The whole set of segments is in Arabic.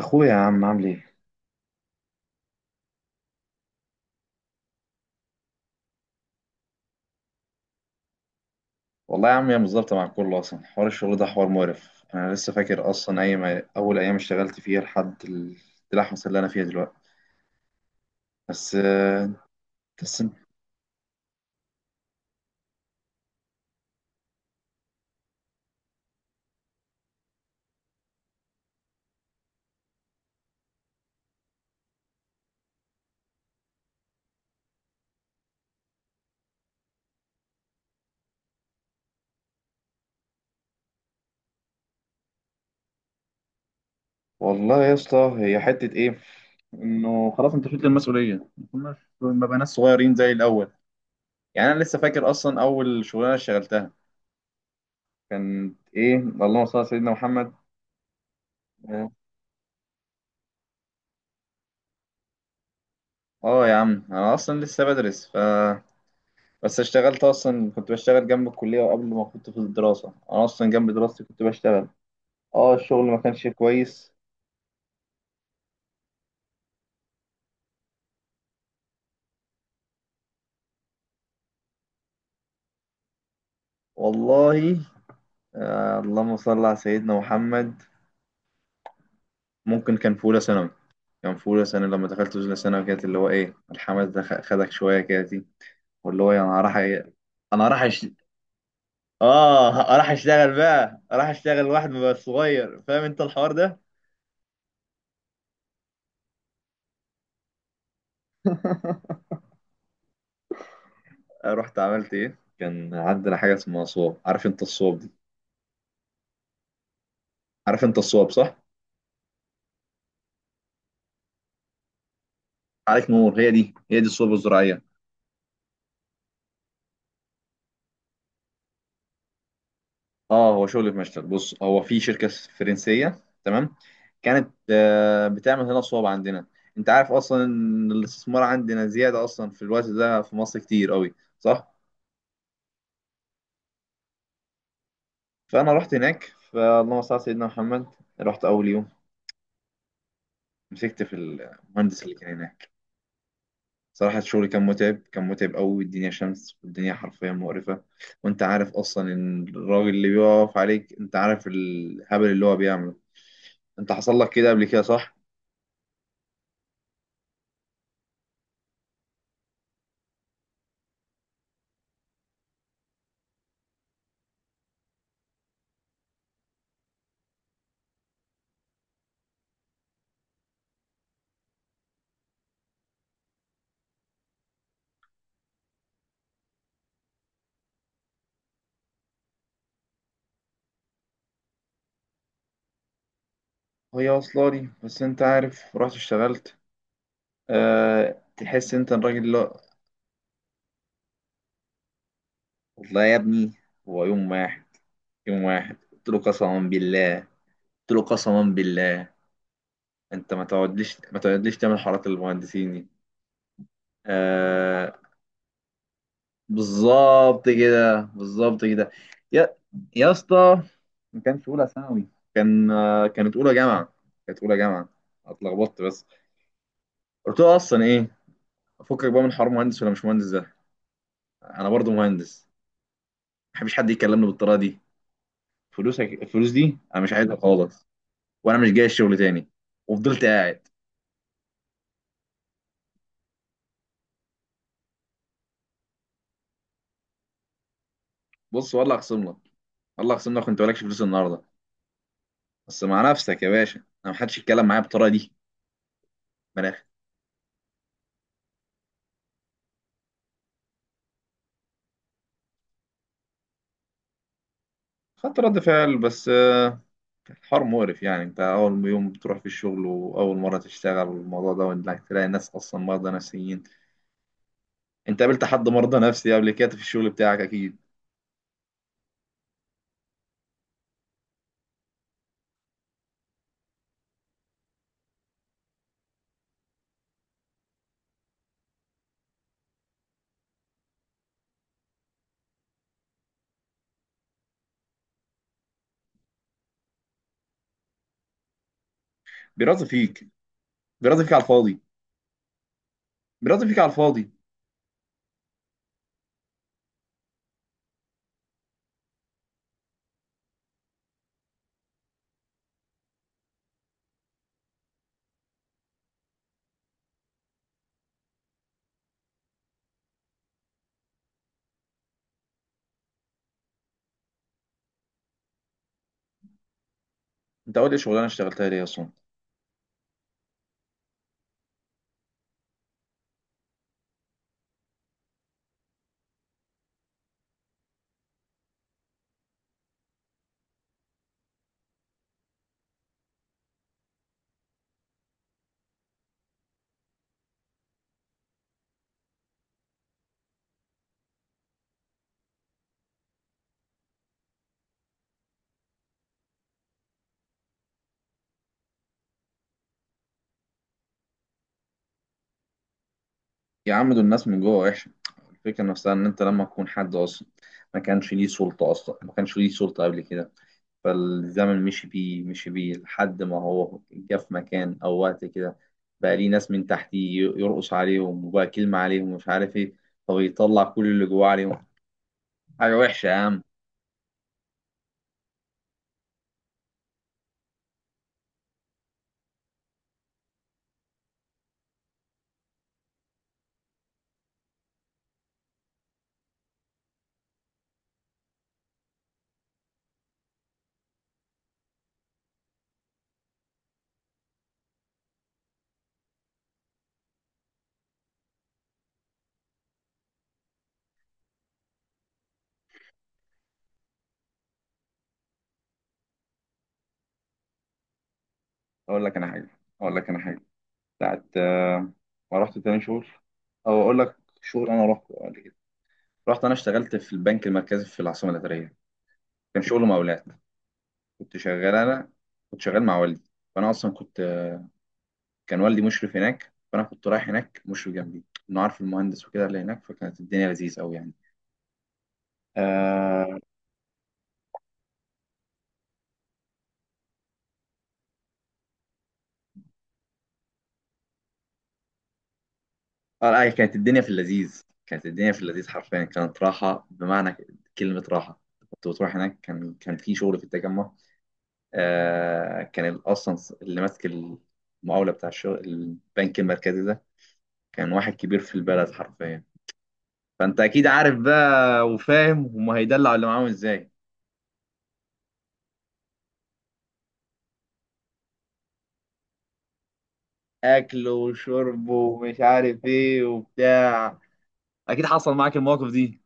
اخويا يا عم عامل ايه؟ والله يا عم هي مش ظابطه مع الكل، اصلا حوار الشغل ده حوار مقرف. انا لسه فاكر اصلا اي ما اول ايام اشتغلت فيها لحد اللحمه اللي انا فيها دلوقتي بس آه، بس والله يا اسطى هي حته ايه، انه خلاص انت شلت المسؤوليه، ما كناش ما بقى ناس صغيرين زي الاول. يعني انا لسه فاكر اصلا اول شغلانه اشتغلتها كانت ايه. اللهم صل على سيدنا محمد. اه. آه يا عم انا اصلا لسه بدرس، بس اشتغلت. اصلا كنت بشتغل جنب الكليه، وقبل ما كنت في الدراسه انا اصلا جنب دراستي كنت بشتغل. اه الشغل ما كانش كويس. والله آه اللهم صل على سيدنا محمد، ممكن كان في اولى ثانوي. كان في اولى ثانوي، لما دخلت اولى ثانوي كانت اللي هو ايه الحماس ده خدك شويه كده دي، واللي هو انا راح. انا راح اه راح اشتغل بقى، راح اشتغل واحد بقى صغير، فاهم انت الحوار ده. رحت عملت ايه؟ كان عندنا حاجه اسمها صواب، عارف انت الصواب دي؟ عارف انت الصواب صح؟ عليك نور، هي دي الصلب الزراعيه. اه، هو شغل في مشتل. بص هو في شركه فرنسيه، تمام؟ كانت بتعمل هنا صوب عندنا. انت عارف اصلا ان الاستثمار عندنا زياده اصلا في الوقت ده في مصر كتير قوي، صح؟ فانا رحت هناك، فاللهم صل على سيدنا محمد. رحت اول يوم، مسكت في المهندس اللي كان هناك. صراحه الشغل كان متعب، كان متعب قوي. الدنيا شمس، والدنيا حرفيا مقرفه. وانت عارف اصلا ان الراجل اللي بيقف عليك، انت عارف الهبل اللي هو بيعمله. انت حصل لك كده قبل كده صح؟ هي وصلالي، بس انت عارف رحت اشتغلت أه، تحس انت الراجل لا. والله يا ابني، هو يوم واحد. يوم واحد قلت له قسما بالله. قلت له قسما بالله انت ما تقعدليش تعمل حارات المهندسين دي. أه بالظبط كده، بالظبط كده. يا يا اسطى، ما كانش اولى ثانوي. كان كانت اولى جامعه. كانت اولى جامعه. اتلخبطت بس. قلت له اصلا ايه، افكك بقى من حوار مهندس ولا مش مهندس ده؟ انا برضو مهندس، بحبش حد يكلمني بالطريقه دي. فلوسك الفلوس دي انا مش عايزها خالص، وانا مش جاي الشغل تاني. وفضلت قاعد. بص والله اخصم لك، والله اخصم لك، وانت مالكش فلوس النهارده بس مع نفسك يا باشا. انا ما حدش يتكلم معايا بالطريقه دي. من الاخر، خدت رد فعل، بس كان حوار مقرف. يعني انت اول يوم بتروح في الشغل واول مره تشتغل الموضوع ده، وانك تلاقي ناس اصلا مرضى نفسيين. انت قابلت حد مرضى نفسي قبل كده في الشغل بتاعك اكيد. بيراضي فيك، بيراضي فيك على الفاضي، بيراضي فيك على الفاضي. انت اول شغلانه اشتغلتها ليه اصلا؟ يا عم دول الناس من جوه وحشة. الفكرة نفسها إن أنت لما تكون حد أصلا ما كانش ليه سلطة أصلا ما كانش ليه سلطة قبل كده، فالزمن مشي بيه لحد ما هو جه في مكان أو وقت كده، بقى ليه ناس من تحتيه يرقص عليهم، وبقى كلمة عليهم ومش عارف إيه، فبيطلع كل اللي جواه عليهم. حاجة وحشة يا عم. أقول لك أنا حاجة أقول لك أنا حاجة بتاعت ما رحت تاني شغل، أو أقول لك شغل أنا رحت قبل كده. رحت أنا اشتغلت في البنك المركزي في العاصمة الإدارية. كان شغل مقاولات. كنت شغال انا، كنت شغال مع والدي. فانا اصلا كنت، كان والدي مشرف هناك، فانا كنت رايح هناك مشرف جنبي، انه عارف المهندس وكده اللي هناك. فكانت الدنيا لذيذ قوي يعني. اه. أي كانت الدنيا في اللذيذ، كانت الدنيا في اللذيذ حرفيا. كانت راحه بمعنى كلمه راحه. كنت بتروح هناك، كان في شغل في التجمع. آه كان اصلا اللي ماسك المقاوله بتاع الشغل البنك المركزي ده كان واحد كبير في البلد حرفيا. فانت اكيد عارف بقى وفاهم هم هيدلعوا اللي معاهم ازاي. اكله وشربه ومش عارف ايه وبتاع. اكيد حصل معاك المواقف دي.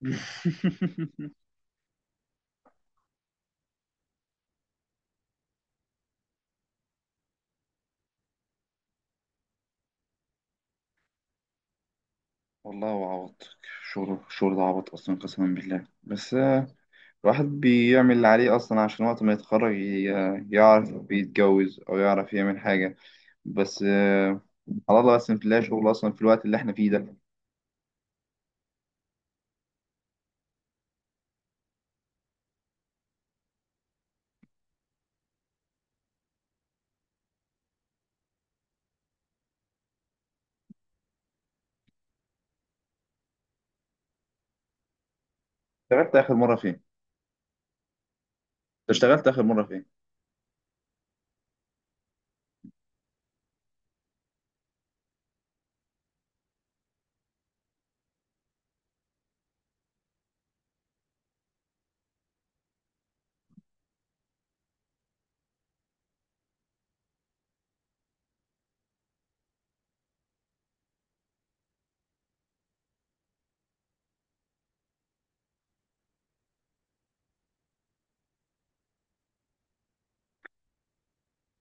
والله هو عبط. الشغل ده عبط اصلا قسما بالله، بس الواحد بيعمل اللي عليه اصلا عشان وقت ما يتخرج يعرف يتجوز او يعرف يعمل حاجه. بس على الله، بس في الله شغل اصلا في الوقت اللي احنا فيه ده. اشتغلت اخر مره فين؟ اشتغلت اخر مره فين؟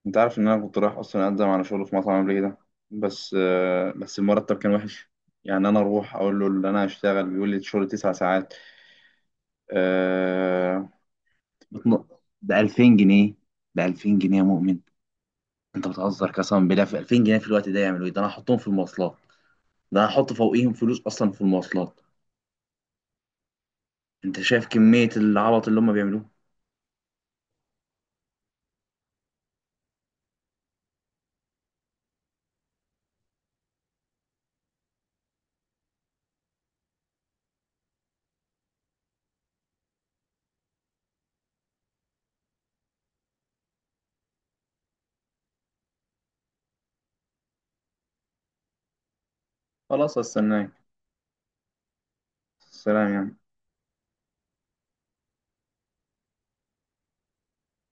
انت عارف ان انا كنت رايح اصلا اقدم على شغل في مطعم قبل كده، بس بس المرتب كان وحش. يعني انا اروح اقول له ان انا هشتغل، بيقول لي شغل تسع ساعات. آه، بتن- ده 2000 جنيه. ده 2000 جنيه يا مؤمن. انت بتهزر قسما بالله، في 2000 جنيه في الوقت ده يعملوا ايه؟ ده انا هحطهم في المواصلات، ده انا هحط فوقيهم فلوس اصلا في المواصلات. انت شايف كمية العبط اللي هم بيعملوه؟ خلاص هستناك. سلام يعني.